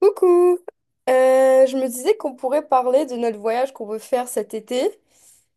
Coucou! Je me disais qu'on pourrait parler de notre voyage qu'on veut faire cet été,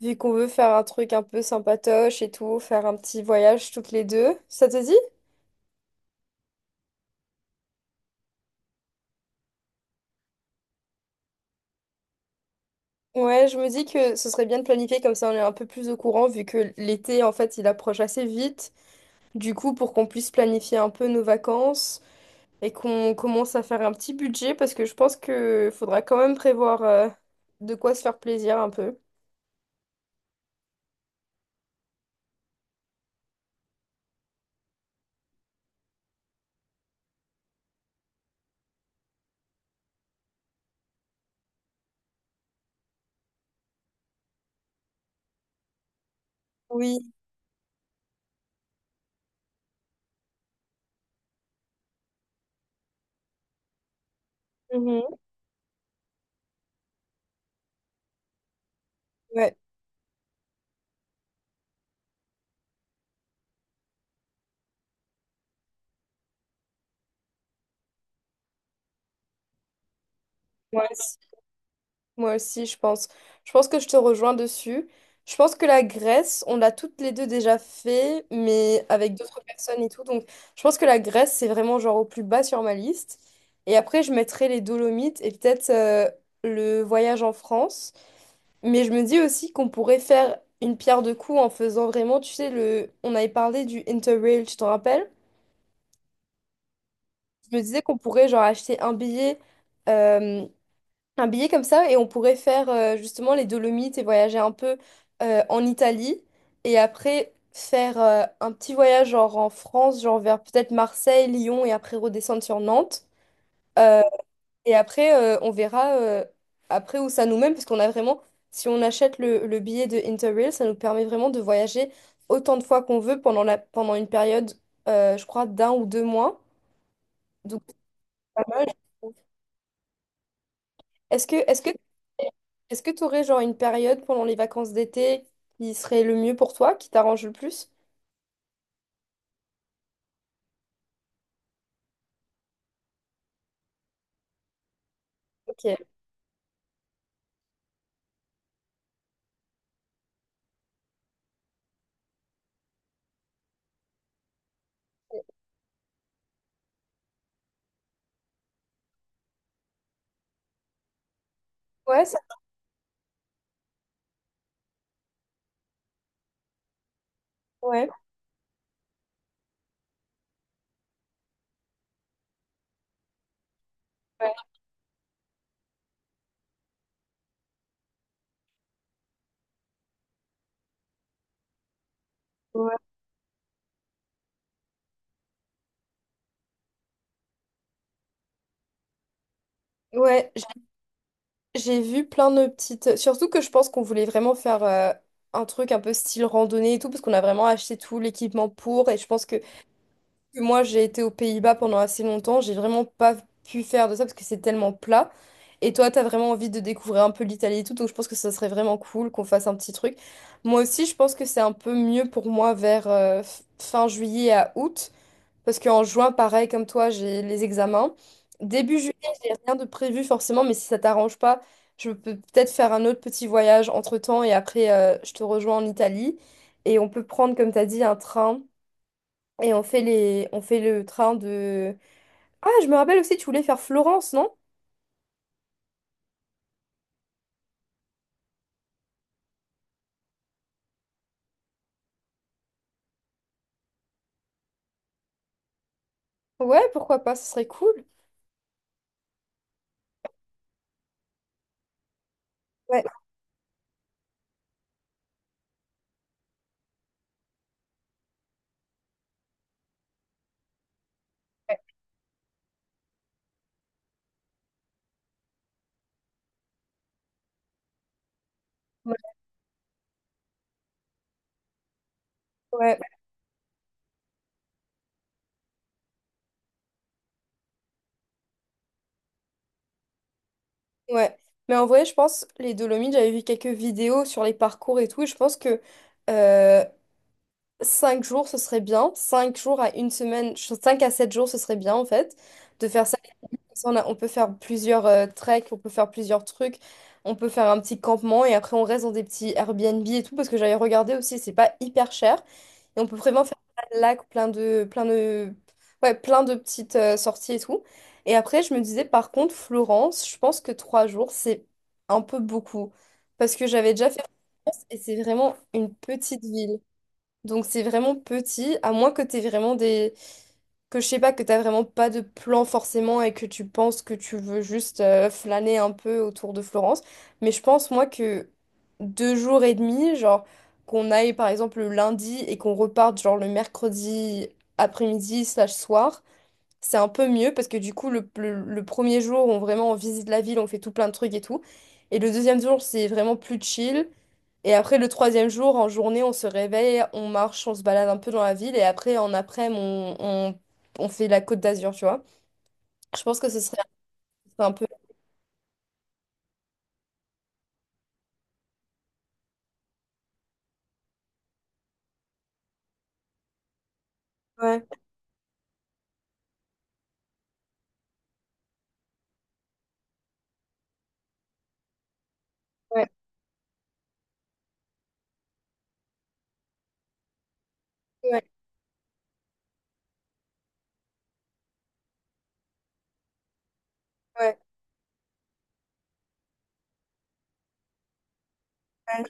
vu qu'on veut faire un truc un peu sympatoche et tout, faire un petit voyage toutes les deux. Ça te dit? Ouais, je me dis que ce serait bien de planifier comme ça on est un peu plus au courant, vu que l'été, en fait, il approche assez vite. Du coup, pour qu'on puisse planifier un peu nos vacances et qu'on commence à faire un petit budget, parce que je pense que faudra quand même prévoir de quoi se faire plaisir un peu. Oui. Mhm. Ouais. Ouais. Moi aussi, je pense. Je pense que je te rejoins dessus. Je pense que la Grèce, on l'a toutes les deux déjà fait, mais avec d'autres personnes et tout. Donc, je pense que la Grèce, c'est vraiment genre au plus bas sur ma liste. Et après, je mettrai les Dolomites et peut-être le voyage en France. Mais je me dis aussi qu'on pourrait faire une pierre de coups en faisant vraiment, tu sais, le... on avait parlé du Interrail, tu t'en rappelles? Je me disais qu'on pourrait genre acheter un billet. euh, un billet comme ça et on pourrait faire justement les Dolomites et voyager un peu en Italie et après faire un petit voyage genre en France, genre vers peut-être Marseille, Lyon et après redescendre sur Nantes. Euh, et après, on verra après où ça nous mène parce qu'on a vraiment, si on achète le billet de Interrail, ça nous permet vraiment de voyager autant de fois qu'on veut pendant une période, je crois, d'un ou deux mois. Donc, c'est pas mal. Est-ce que est-ce que est-ce que tu aurais genre une période pendant les vacances d'été qui serait le mieux pour toi, qui t'arrange le plus? Ok. Ouais, ouais. Ouais. Ouais. Ouais, j'ai vu plein de petites. Surtout que je pense qu'on voulait vraiment faire un truc un peu style randonnée et tout, parce qu'on a vraiment acheté tout l'équipement pour. Et je pense que moi j'ai été aux Pays-Bas pendant assez longtemps, j'ai vraiment pas pu faire de ça parce que c'est tellement plat. Et toi, t'as vraiment envie de découvrir un peu l'Italie et tout, donc je pense que ça serait vraiment cool qu'on fasse un petit truc. Moi aussi, je pense que c'est un peu mieux pour moi vers fin juillet à août, parce qu'en juin, pareil comme toi, j'ai les examens. Début juillet, j'ai rien de prévu forcément, mais si ça t'arrange pas, je peux peut-être faire un autre petit voyage entre-temps et après, je te rejoins en Italie. Et on peut prendre, comme t'as dit, un train. Et on fait les... on fait le train de... Ah, je me rappelle aussi, tu voulais faire Florence, non? Ouais, pourquoi pas, ce serait cool. Ouais, ouais, ouais, ouais, ouais. Mais en vrai, je pense, les Dolomites, j'avais vu quelques vidéos sur les parcours et tout, et je pense que euh, 5 jours, ce serait bien. Cinq jours à une semaine, 5 à 7 jours, ce serait bien, en fait, de faire ça. Ça, on peut faire plusieurs treks, on peut faire plusieurs trucs, on peut faire un petit campement et après on reste dans des petits Airbnb et tout parce que j'avais regardé aussi, c'est pas hyper cher et on peut vraiment faire plein de lacs, ouais, plein de petites sorties et tout. Et après, je me disais par contre, Florence, je pense que trois jours c'est un peu beaucoup parce que j'avais déjà fait Florence et c'est vraiment une petite ville. Donc c'est vraiment petit, à moins que t'aies vraiment des... que je sais pas, que t'as vraiment pas de plan forcément et que tu penses que tu veux juste flâner un peu autour de Florence. Mais je pense moi que deux jours et demi, genre qu'on aille par exemple le lundi et qu'on reparte genre le mercredi après-midi slash soir, c'est un peu mieux parce que du coup le premier jour on vraiment on visite la ville, on fait tout plein de trucs et tout. Et le deuxième jour c'est vraiment plus chill. Et après, le troisième jour, en journée, on se réveille, on marche, on se balade un peu dans la ville. Et après, en après-midi, on fait la Côte d'Azur, tu vois. Je pense que ce serait un peu... Ouais, ouais, ouais, ouais, ouais,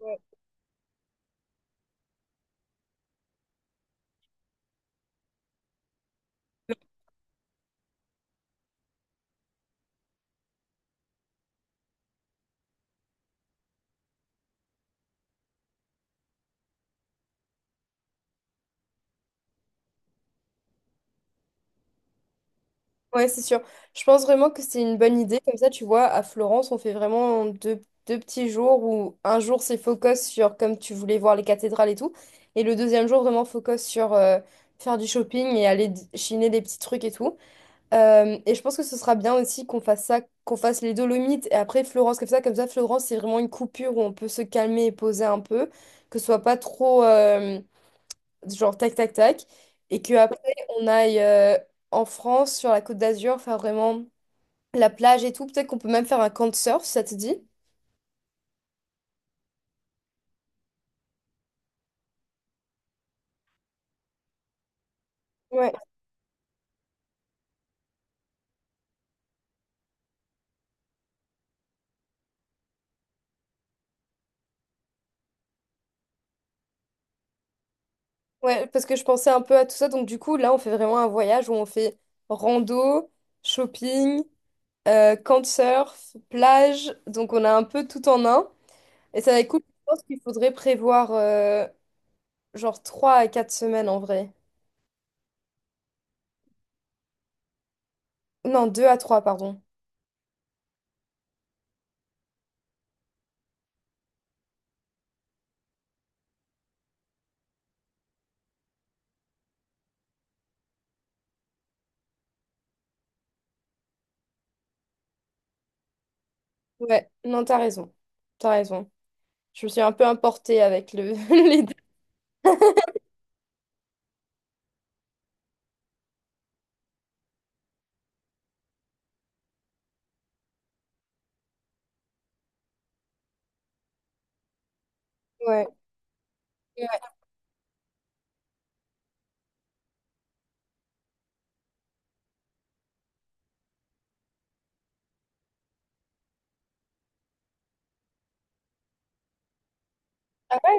ouais. Ouais, c'est sûr. Je pense vraiment que c'est une bonne idée. Comme ça, tu vois, à Florence, on fait vraiment deux petits jours où un jour, c'est focus sur, comme tu voulais voir les cathédrales et tout. Et le deuxième jour, vraiment focus sur faire du shopping et aller chiner des petits trucs et tout. Et je pense que ce sera bien aussi qu'on fasse ça, qu'on fasse les Dolomites et après Florence comme ça. Comme ça, Florence, c'est vraiment une coupure où on peut se calmer et poser un peu, que ce soit pas trop genre tac tac tac. Et que après on aille en France, sur la Côte d'Azur, faire vraiment la plage et tout. Peut-être qu'on peut même faire un camp de surf, si ça te dit. Ouais, ouais, parce que je pensais un peu à tout ça. Donc du coup, là, on fait vraiment un voyage où on fait rando, shopping, camp de surf, plage. Donc on a un peu tout en un. Et ça va être cool. Je pense qu'il faudrait prévoir genre 3 à 4 semaines en vrai. Non, 2 à 3 pardon. Ouais, non, t'as raison. T'as raison. Je me suis un peu importée avec le... les dates. Ouais. Ouais. Ah ouais?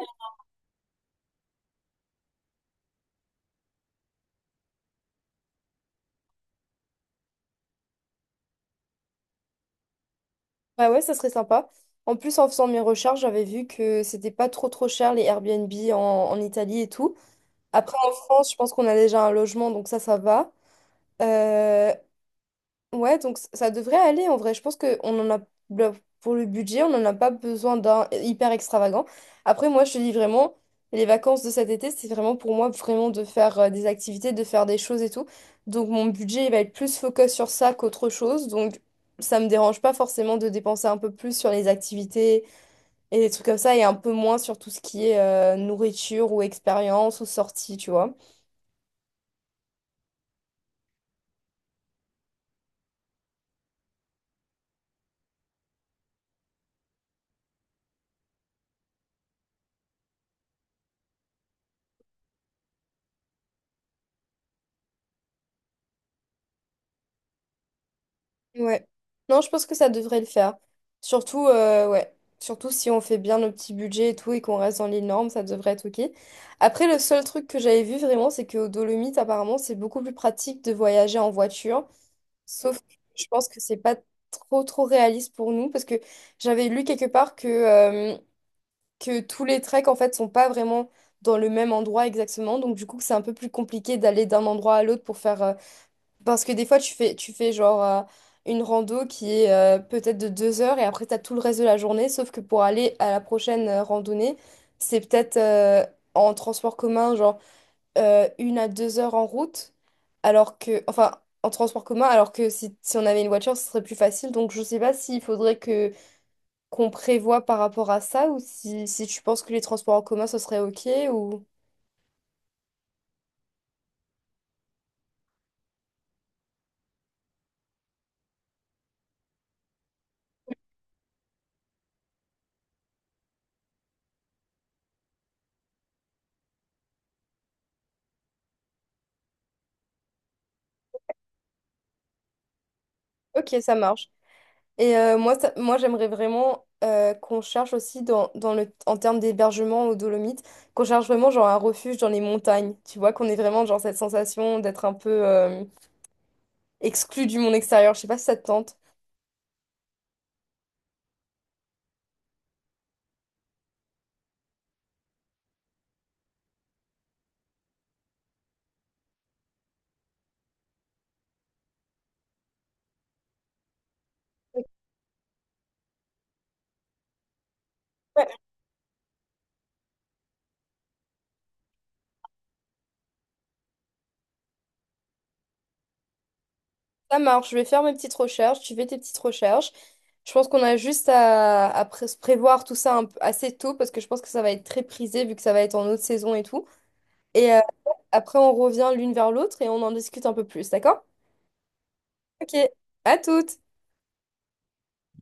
Bah ouais, ça serait sympa. En plus, en faisant mes recherches, j'avais vu que c'était pas trop trop cher les Airbnb en Italie et tout. Après, en France, je pense qu'on a déjà un logement, donc ça va. Euh, Ouais, donc ça devrait aller en vrai. Je pense que on en a le- pour le budget, on n'en a pas besoin d'un hyper extravagant. Après, moi, je te dis vraiment, les vacances de cet été, c'est vraiment pour moi vraiment de faire des activités, de faire des choses et tout. Donc mon budget, il va être plus focus sur ça qu'autre chose. Donc ça me dérange pas forcément de dépenser un peu plus sur les activités et des trucs comme ça et un peu moins sur tout ce qui est nourriture ou expérience ou sortie, tu vois. Ouais. Non, je pense que ça devrait le faire. Surtout, ouais. Surtout si on fait bien nos petits budgets et tout et qu'on reste dans les normes, ça devrait être OK. Après, le seul truc que j'avais vu vraiment, c'est qu'aux Dolomites, apparemment, c'est beaucoup plus pratique de voyager en voiture. Sauf que je pense que c'est pas trop, trop réaliste pour nous parce que j'avais lu quelque part que tous les treks, en fait, sont pas vraiment dans le même endroit exactement. Donc, du coup, c'est un peu plus compliqué d'aller d'un endroit à l'autre pour faire parce que des fois, tu fais genre une rando qui est peut-être de deux heures et après, tu as tout le reste de la journée. Sauf que pour aller à la prochaine randonnée, c'est peut-être en transport commun, genre une à deux heures en route. Alors que, enfin, en transport commun, alors que si on avait une voiture, ce serait plus facile. Donc, je sais pas s'il faudrait que qu'on prévoie par rapport à ça ou si tu penses que les transports en commun, ce serait OK ou... OK, ça marche. Et moi, moi j'aimerais vraiment qu'on cherche aussi en termes d'hébergement aux Dolomites, qu'on cherche vraiment genre un refuge dans les montagnes. Tu vois, qu'on ait vraiment genre cette sensation d'être un peu exclu du monde extérieur. Je sais pas si ça te tente. Ouais. Ça marche, je vais faire mes petites recherches, tu fais tes petites recherches. Je pense qu'on a juste à se prévoir tout ça assez tôt parce que je pense que ça va être très prisé vu que ça va être en haute saison et tout. Et après, on revient l'une vers l'autre et on en discute un peu plus, d'accord? Ok, à toutes!